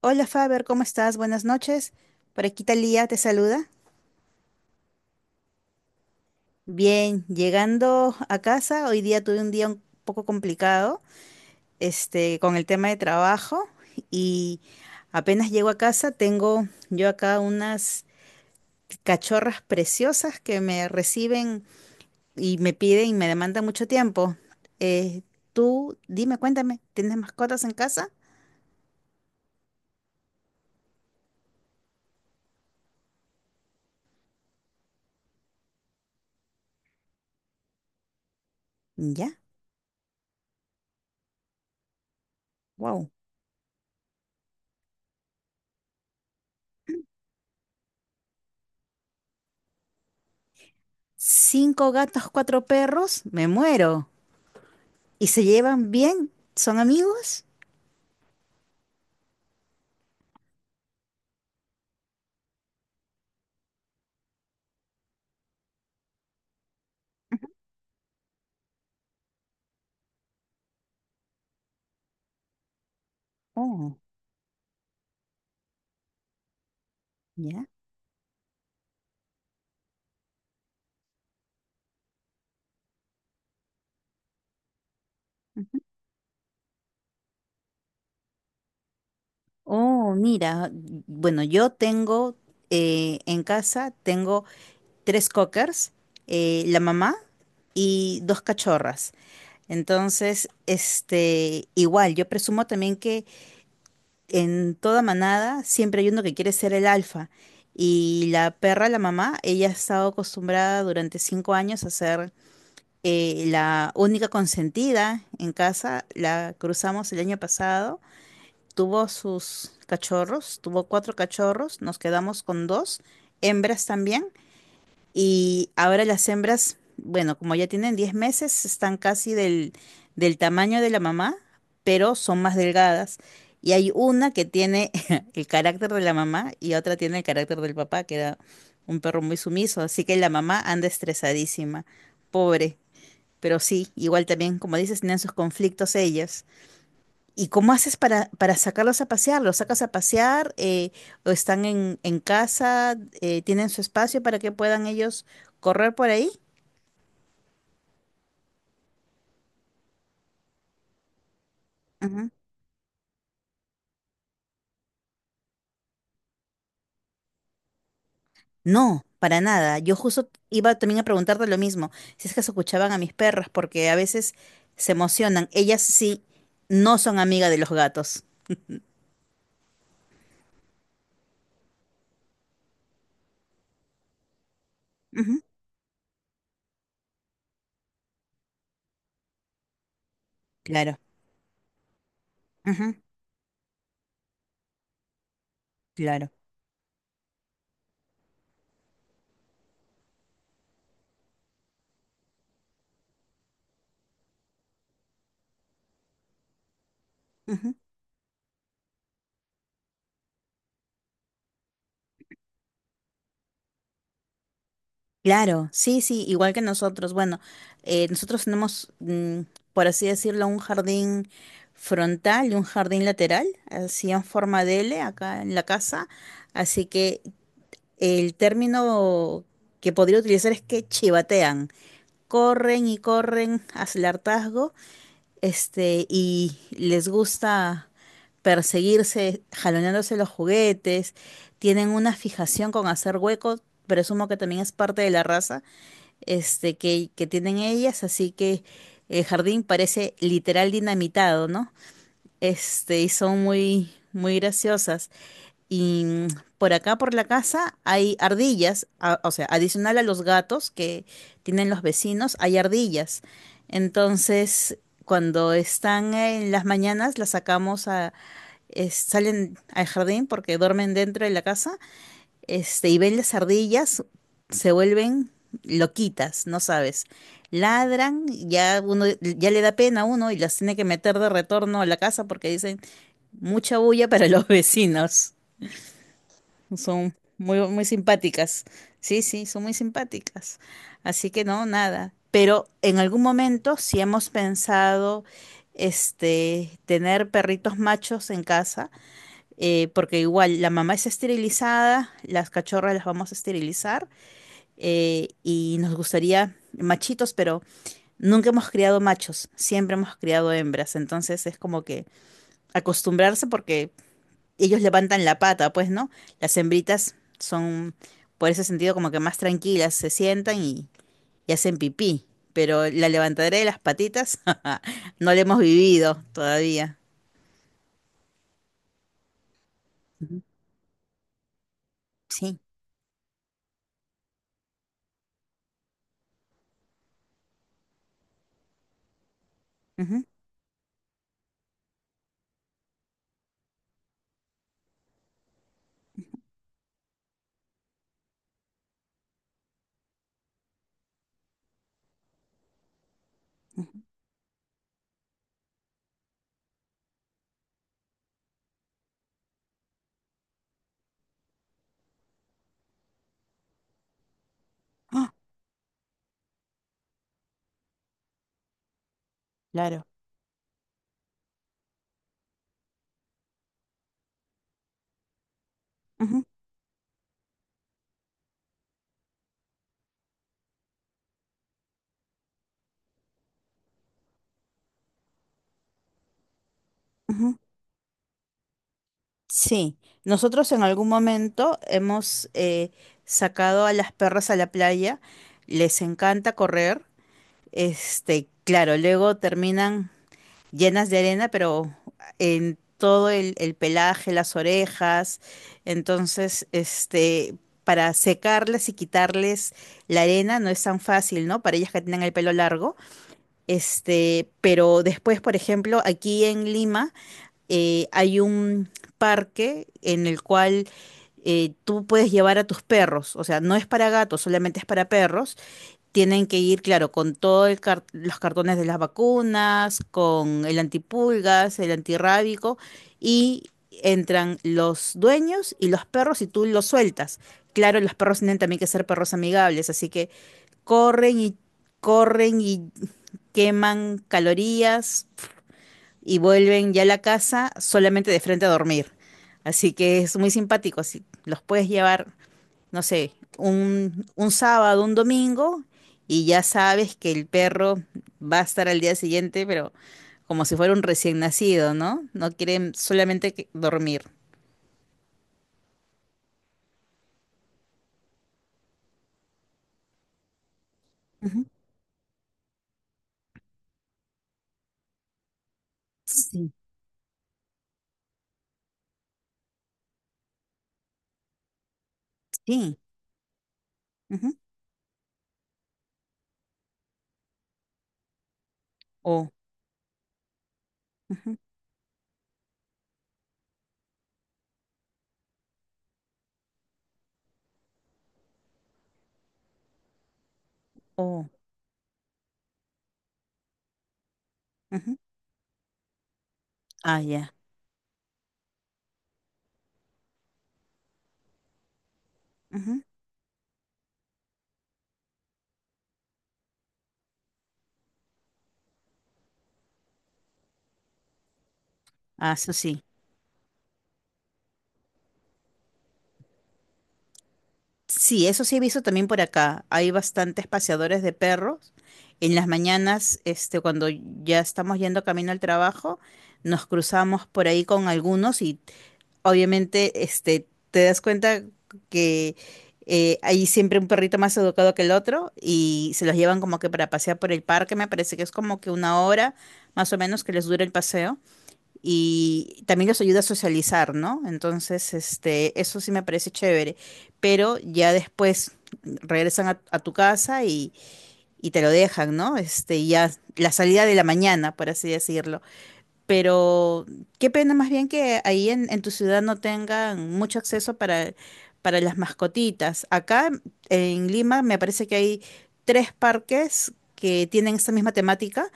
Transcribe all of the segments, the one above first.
Hola Faber, ¿cómo estás? Buenas noches. Por aquí Talía te saluda. Bien, llegando a casa, hoy día tuve un día un poco complicado, con el tema de trabajo y apenas llego a casa tengo yo acá unas cachorras preciosas que me reciben y me piden y me demandan mucho tiempo. Eh, tú, dime, cuéntame, ¿tienes mascotas en casa? Ya, wow. Cinco gatos, cuatro perros, me muero. ¿Y se llevan bien? ¿Son amigos? Oh, ya. Ujú. Oh, mira, bueno, yo tengo en casa, tengo tres cockers, la mamá y dos cachorras. Entonces, igual, yo presumo también que en toda manada siempre hay uno que quiere ser el alfa. Y la perra, la mamá, ella ha estado acostumbrada durante 5 años a ser la única consentida en casa, la cruzamos el año pasado, tuvo sus cachorros, tuvo cuatro cachorros, nos quedamos con dos, hembras también, y ahora las hembras, bueno, como ya tienen 10 meses, están casi del tamaño de la mamá, pero son más delgadas. Y hay una que tiene el carácter de la mamá y otra tiene el carácter del papá, que era un perro muy sumiso, así que la mamá anda estresadísima, pobre. Pero sí, igual también, como dices, tienen sus conflictos ellas. ¿Y cómo haces para sacarlos a pasear? ¿Los sacas a pasear? ¿O están en casa? ¿Tienen su espacio para que puedan ellos correr por ahí? Ujú. No, para nada. Yo justo iba también a preguntarte lo mismo, si es que se escuchaban a mis perras, porque a veces se emocionan. Ellas sí no son amigas de los gatos. Ujú, claro, ujú, claro. Ujú. Claro, sí, sí, igual que nosotros. Bueno, nosotros tenemos, mm, por así decirlo, un jardín frontal y un jardín lateral, así en forma de L acá en la casa. Así que el término que podría utilizar es que chivatean. Corren y corren hacia el hartazgo, y les gusta perseguirse, jaloneándose los juguetes. Tienen una fijación con hacer huecos, presumo que también es parte de la raza que tienen ellas, así que el jardín parece literal dinamitado, ¿no? Y son muy, muy graciosas. Y mm, por acá, por la casa, hay ardillas, o sea, adicional a los gatos que tienen los vecinos, hay ardillas. Entonces, cuando están en las mañanas, las sacamos salen al jardín porque duermen dentro de la casa y ven las ardillas, se vuelven loquitas, no sabes. Ladran, ya uno, ya le da pena a uno y las tiene que meter de retorno a la casa porque dicen mucha bulla para los vecinos. Son muy, muy simpáticas. Sí, sí, son muy simpáticas. Así que no, nada. Pero en algún momento, si hemos pensado, tener perritos machos en casa, porque igual la mamá es esterilizada, las cachorras las vamos a esterilizar y nos gustaría machitos, pero nunca hemos criado machos, siempre hemos criado hembras, entonces es como que acostumbrarse porque ellos levantan la pata, pues, ¿no? Las hembritas son, por ese sentido, como que más tranquilas, se sientan y hacen pipí, pero la levantadera de las patitas no la hemos vivido todavía. Ujú. Sí. Ujú, ujú. Ah, claro. Ujú, ujú. Sí, nosotros en algún momento hemos sacado a las perras a la playa, les encanta correr, claro, luego terminan llenas de arena, pero en todo el pelaje, las orejas, entonces, para secarles y quitarles la arena no es tan fácil, ¿no? Para ellas que tienen el pelo largo, pero después, por ejemplo, aquí en Lima hay un parque en el cual tú puedes llevar a tus perros. O sea, no es para gatos, solamente es para perros. Tienen que ir, claro, con todos los cartones de las vacunas, con el antipulgas, el antirrábico, y entran los dueños y los perros y tú los sueltas. Claro, los perros tienen también que ser perros amigables, así que corren y corren y queman calorías y vuelven ya a la casa solamente de frente a dormir. Así que es muy simpático. Así, los puedes llevar, no sé, un sábado, un domingo, y ya sabes que el perro va a estar al día siguiente, pero como si fuera un recién nacido, ¿no? No quieren solamente dormir. Ujú. Sí, sí. Ujú, o, ujú, o, ujú. Ah, ya. Ujú. Ah, eso sí. Sí, eso sí he visto también por acá. Hay bastantes paseadores de perros. En las mañanas, cuando ya estamos yendo camino al trabajo, nos cruzamos por ahí con algunos y obviamente, te das cuenta que hay siempre un perrito más educado que el otro y se los llevan como que para pasear por el parque. Me parece que es como que una hora más o menos que les dura el paseo y también los ayuda a socializar, ¿no? Entonces, eso sí me parece chévere, pero ya después regresan a tu casa y te lo dejan, ¿no? Y ya la salida de la mañana, por así decirlo. Pero qué pena más bien que ahí en tu ciudad no tengan mucho acceso para las mascotitas. Acá en Lima me parece que hay tres parques que tienen esta misma temática,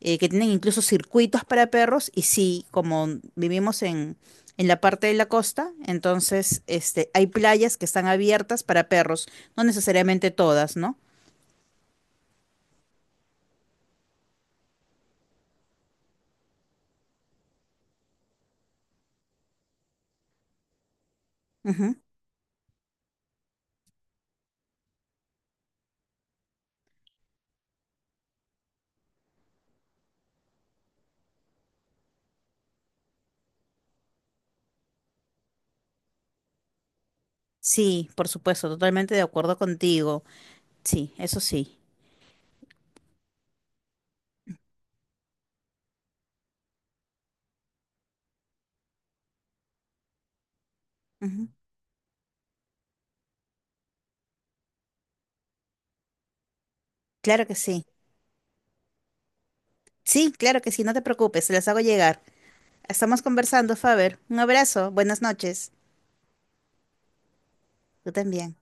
que tienen incluso circuitos para perros. Y sí, como vivimos en la parte de la costa, entonces hay playas que están abiertas para perros, no necesariamente todas, ¿no? Ujú. Sí, por supuesto, totalmente de acuerdo contigo. Sí, eso sí. Claro que sí. Sí, claro que sí, no te preocupes, se las hago llegar. Estamos conversando, Faber. Un abrazo, buenas noches. Tú también.